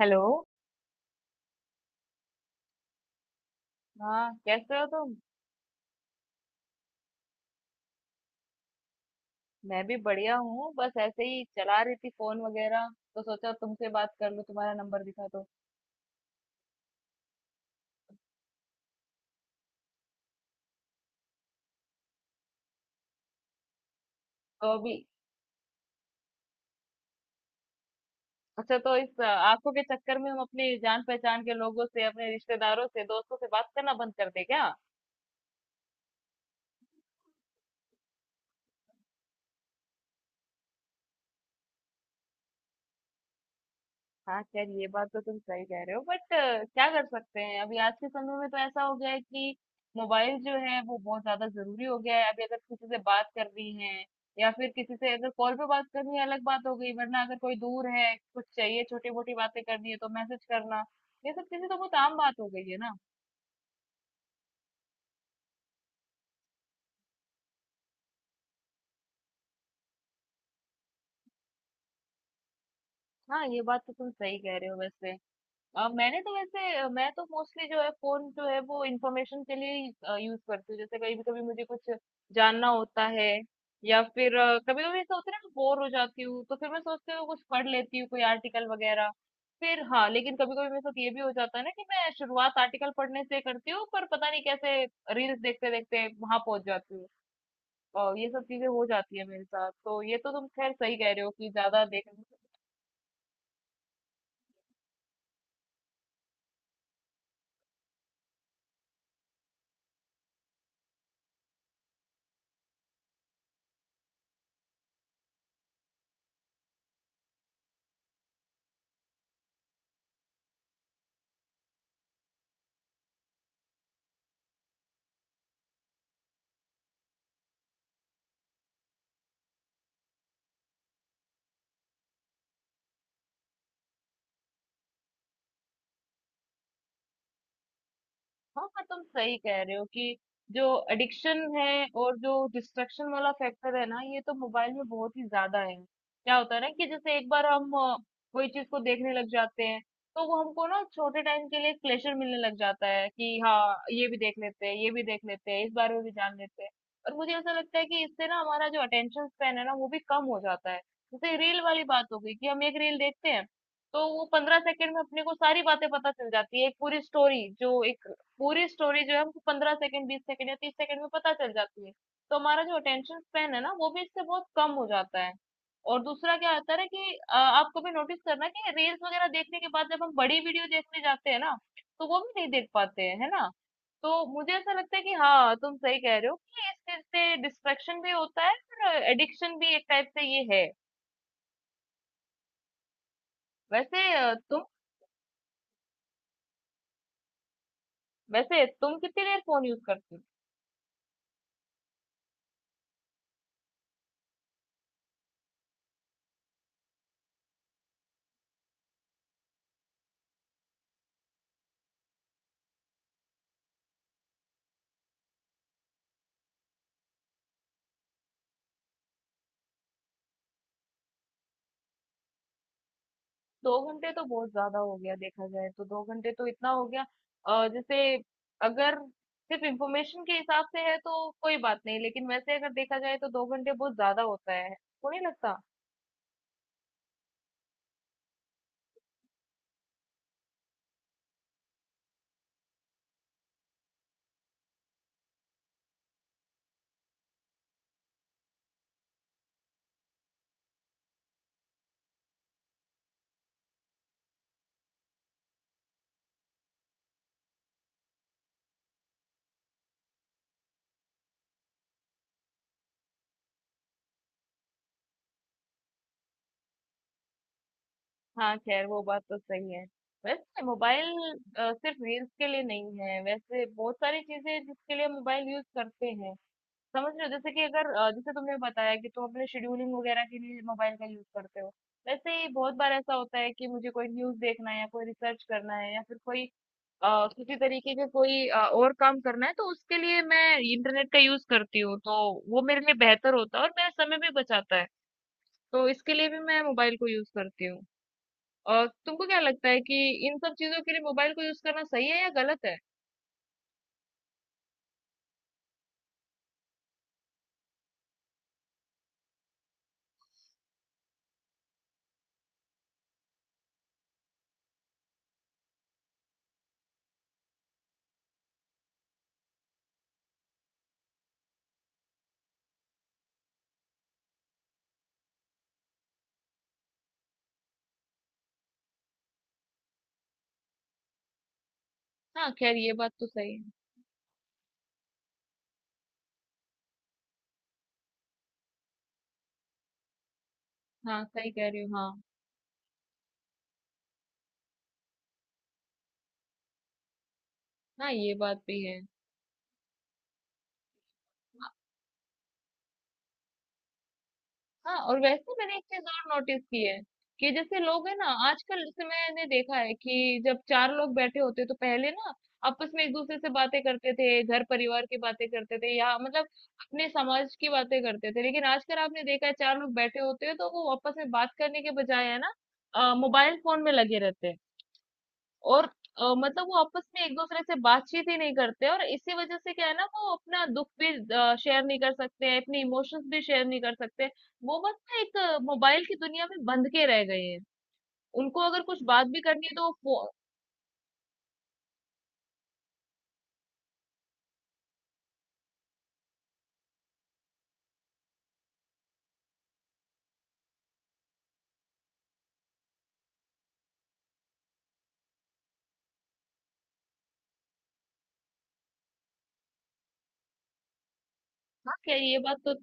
Hello. हाँ, कैसे हो तुम। मैं भी बढ़िया हूँ, बस ऐसे ही चला रही थी फोन वगैरह, तो सोचा तुमसे बात कर लूँ, तुम्हारा नंबर दिखा तो। तो अभी। अच्छा, तो इस आंखों के चक्कर में हम अपनी जान पहचान के लोगों से, अपने रिश्तेदारों से, दोस्तों से बात करना बंद कर दे क्या। हाँ खैर, ये बात तो तुम सही कह रहे हो, बट क्या कर सकते हैं, अभी आज के समय में तो ऐसा हो गया है कि मोबाइल जो है वो बहुत ज्यादा जरूरी हो गया है। अभी अगर किसी से बात करनी है, या फिर किसी से अगर कॉल पे बात करनी है अलग बात हो गई, वरना अगर कोई दूर है, कुछ चाहिए, छोटी मोटी बातें करनी है तो मैसेज करना, ये सब चीजें तो बहुत आम बात हो गई है ना। हाँ, ये बात तो तुम सही कह रहे हो। वैसे मैंने तो वैसे मैं तो मोस्टली जो है फोन जो है वो इंफॉर्मेशन के लिए यूज करती हूँ, जैसे कभी भी, कभी मुझे कुछ जानना होता है, या फिर कभी कभी ऐसा होता है ना, बोर हो जाती हूँ तो फिर मैं सोचती हूँ, कुछ पढ़ लेती हूँ, कोई आर्टिकल वगैरह। फिर हाँ, लेकिन कभी कभी मेरे साथ ये भी हो जाता है ना कि मैं शुरुआत आर्टिकल पढ़ने से करती हूँ पर पता नहीं कैसे रील्स देखते देखते वहां पहुंच जाती हूँ। और ये सब चीजें हो जाती है मेरे साथ, तो ये तो तुम खैर सही कह रहे हो कि ज्यादा देखने। हाँ, पर तुम सही कह रहे हो कि जो एडिक्शन है और जो डिस्ट्रक्शन वाला फैक्टर है ना, ये तो मोबाइल में बहुत ही ज्यादा है। क्या होता है ना कि जैसे एक बार हम कोई चीज को देखने लग जाते हैं, तो वो हमको ना छोटे टाइम के लिए प्लेजर मिलने लग जाता है कि हाँ ये भी देख लेते हैं, ये भी देख लेते हैं, इस बारे में भी जान लेते हैं। और मुझे ऐसा लगता है कि इससे ना हमारा जो अटेंशन स्पैन है ना, वो भी कम हो जाता है। जैसे रील वाली बात हो गई कि हम एक रील देखते हैं तो वो 15 सेकंड में अपने को सारी बातें पता चल जाती है। एक पूरी स्टोरी जो है हमको 15 सेकंड, 20 सेकंड या 30 सेकंड में पता चल जाती है। तो हमारा जो अटेंशन स्पैन है ना वो भी इससे बहुत कम हो जाता है। और दूसरा क्या होता है ना कि आप कभी नोटिस करना कि रील्स वगैरह देखने के बाद जब हम बड़ी वीडियो देखने जाते हैं ना, तो वो भी नहीं देख पाते हैं, है ना। तो मुझे ऐसा लगता है कि हाँ, तुम सही कह रहे हो कि इस चीज से डिस्ट्रैक्शन भी होता है और एडिक्शन भी एक टाइप से ये है। वैसे अ, तुम वैसे तुम कितनी देर फोन यूज करती। 2 घंटे तो बहुत ज्यादा हो गया, देखा जाए तो 2 घंटे तो इतना हो गया। जैसे अगर सिर्फ इंफॉर्मेशन के हिसाब से है तो कोई बात नहीं, लेकिन वैसे अगर देखा जाए तो 2 घंटे बहुत ज्यादा होता है, को नहीं लगता। हाँ खैर वो बात तो सही है। वैसे मोबाइल सिर्फ रील्स के लिए नहीं है, वैसे बहुत सारी चीजें हैं जिसके लिए मोबाइल यूज करते हैं, समझ रहे हो। जैसे कि अगर जैसे तुमने बताया कि तुम अपने शेड्यूलिंग वगैरह के लिए मोबाइल का यूज करते हो, वैसे ही बहुत बार ऐसा होता है कि मुझे कोई न्यूज देखना है, या कोई रिसर्च करना है, या फिर कोई किसी तरीके के कोई और काम करना है, तो उसके लिए मैं इंटरनेट का यूज करती हूँ, तो वो मेरे लिए बेहतर होता है और मेरा समय भी बचाता है, तो इसके लिए भी मैं मोबाइल को यूज करती हूँ। और तुमको क्या लगता है कि इन सब चीजों के लिए मोबाइल को यूज करना सही है या गलत है। हाँ खैर, ये बात तो सही है। हाँ सही कह रही हो, हाँ। हाँ, ये बात भी है। हाँ, और वैसे मैंने एक चीज और नोटिस की है कि जैसे लोग है ना आजकल, जैसे मैंने देखा है कि जब चार लोग बैठे होते तो पहले ना आपस में एक दूसरे से बातें करते थे, घर परिवार की बातें करते थे, या मतलब अपने समाज की बातें करते थे। लेकिन आजकल आपने देखा है, चार लोग बैठे होते हैं तो वो आपस में बात करने के बजाय, है ना, मोबाइल फोन में लगे रहते हैं, और मतलब वो आपस में एक दूसरे से बातचीत ही नहीं करते, और इसी वजह से क्या है ना, वो अपना दुख भी शेयर नहीं कर सकते हैं, अपने इमोशंस भी शेयर नहीं कर सकते। वो बस ना एक मोबाइल की दुनिया में बंध के रह गए हैं। उनको अगर कुछ बात भी करनी है तो वो फो- हाँ, क्या, ये बात तो।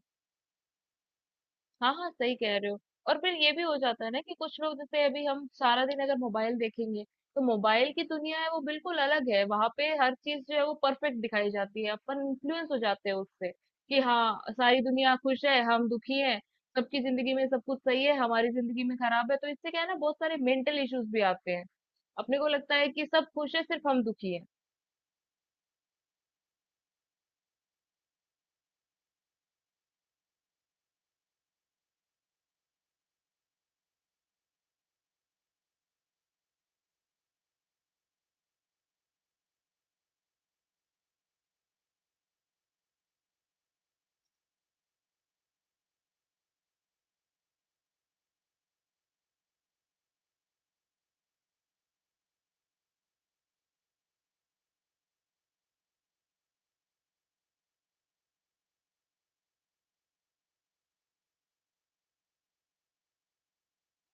हाँ हाँ सही कह रहे हो। और फिर ये भी हो जाता है ना कि कुछ लोग, जैसे अभी हम सारा दिन अगर मोबाइल देखेंगे, तो मोबाइल की दुनिया है वो बिल्कुल अलग है, वहां पे हर चीज जो है वो परफेक्ट दिखाई जाती है, अपन इन्फ्लुएंस हो जाते हैं उससे कि हाँ, सारी दुनिया खुश है हम दुखी हैं, सबकी जिंदगी में सब कुछ सही है, हमारी जिंदगी में खराब है, तो इससे क्या है ना, बहुत सारे मेंटल इश्यूज भी आते हैं। अपने को लगता है कि सब खुश है सिर्फ हम दुखी हैं।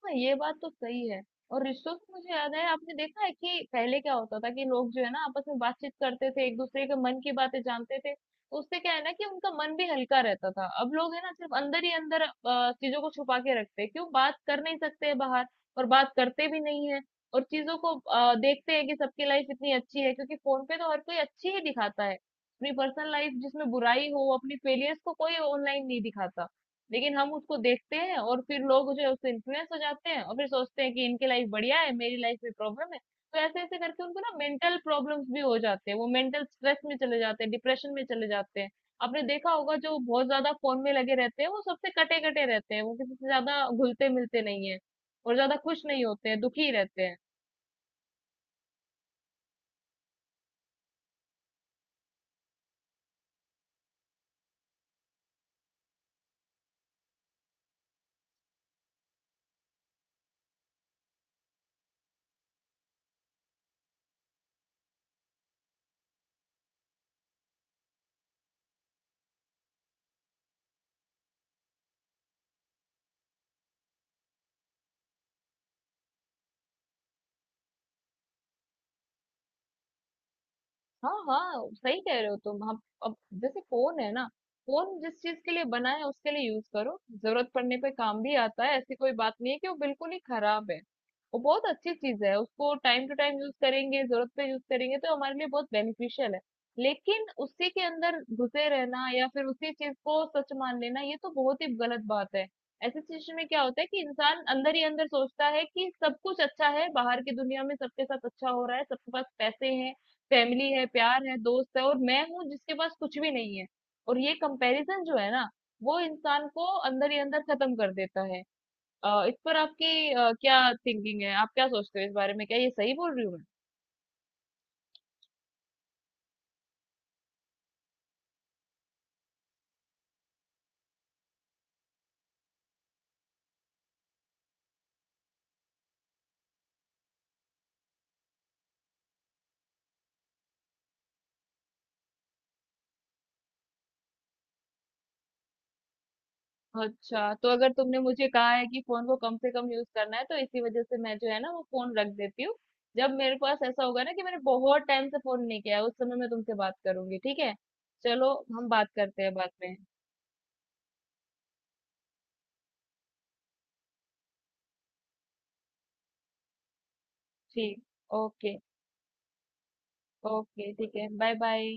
हाँ, ये बात तो सही है। और रिश्तों से मुझे याद है, आपने देखा है कि पहले क्या होता था कि लोग जो है ना आपस में बातचीत करते थे, एक दूसरे के मन की बातें जानते थे, तो उससे क्या है ना कि उनका मन भी हल्का रहता था। अब लोग है ना सिर्फ अंदर ही अंदर चीजों को छुपा के रखते हैं, क्यों बात कर नहीं सकते हैं बाहर, और बात करते भी नहीं है, और चीजों को देखते हैं कि सबकी लाइफ इतनी अच्छी है, क्योंकि फोन पे तो हर कोई अच्छी ही दिखाता है अपनी पर्सनल लाइफ, जिसमें बुराई हो, अपनी फेलियर्स को कोई ऑनलाइन नहीं दिखाता। लेकिन हम उसको देखते हैं, और फिर लोग जो है उससे इन्फ्लुएंस हो जाते हैं, और फिर सोचते हैं कि इनकी लाइफ बढ़िया है, मेरी लाइफ में प्रॉब्लम है। तो ऐसे ऐसे करके उनको ना मेंटल प्रॉब्लम्स भी हो जाते हैं, वो मेंटल स्ट्रेस में चले जाते हैं, डिप्रेशन में चले जाते हैं। आपने देखा होगा जो बहुत ज्यादा फोन में लगे रहते हैं वो सबसे कटे कटे रहते हैं, वो किसी से ज्यादा घुलते मिलते नहीं है, और ज्यादा खुश नहीं होते हैं, दुखी रहते हैं। हाँ हाँ, सही कह रहे हो तुम। हम अब जैसे, फोन है ना, फोन जिस चीज के लिए बना है उसके लिए यूज करो, जरूरत पड़ने पे काम भी आता है, ऐसी कोई बात नहीं है कि वो बिल्कुल ही खराब है। वो बहुत अच्छी चीज है, उसको टाइम टू टाइम यूज करेंगे, जरूरत पे यूज करेंगे तो हमारे लिए बहुत बेनिफिशियल है। लेकिन उसी के अंदर घुसे रहना, या फिर उसी चीज को सच मान लेना, ये तो बहुत ही गलत बात है। ऐसी सिचुएशन में क्या होता है कि इंसान अंदर ही अंदर सोचता है कि सब कुछ अच्छा है, बाहर की दुनिया में सबके साथ अच्छा हो रहा है, सबके पास पैसे हैं, फैमिली है, प्यार है, दोस्त है, और मैं हूँ जिसके पास कुछ भी नहीं है, और ये कंपैरिजन जो है ना वो इंसान को अंदर ही अंदर खत्म कर देता है। इस पर आपकी क्या थिंकिंग है, आप क्या सोचते हो इस बारे में, क्या ये सही बोल रही हूँ। मैं, अच्छा, तो अगर तुमने मुझे कहा है कि फोन को कम से कम यूज करना है, तो इसी वजह से मैं जो है ना वो फोन रख देती हूँ। जब मेरे पास ऐसा होगा ना कि मैंने बहुत टाइम से फोन नहीं किया है उस समय मैं तुमसे बात करूंगी, ठीक है। चलो हम बात करते हैं बाद में। ठीक। ओके। ओके, ठीक है, बाय बाय।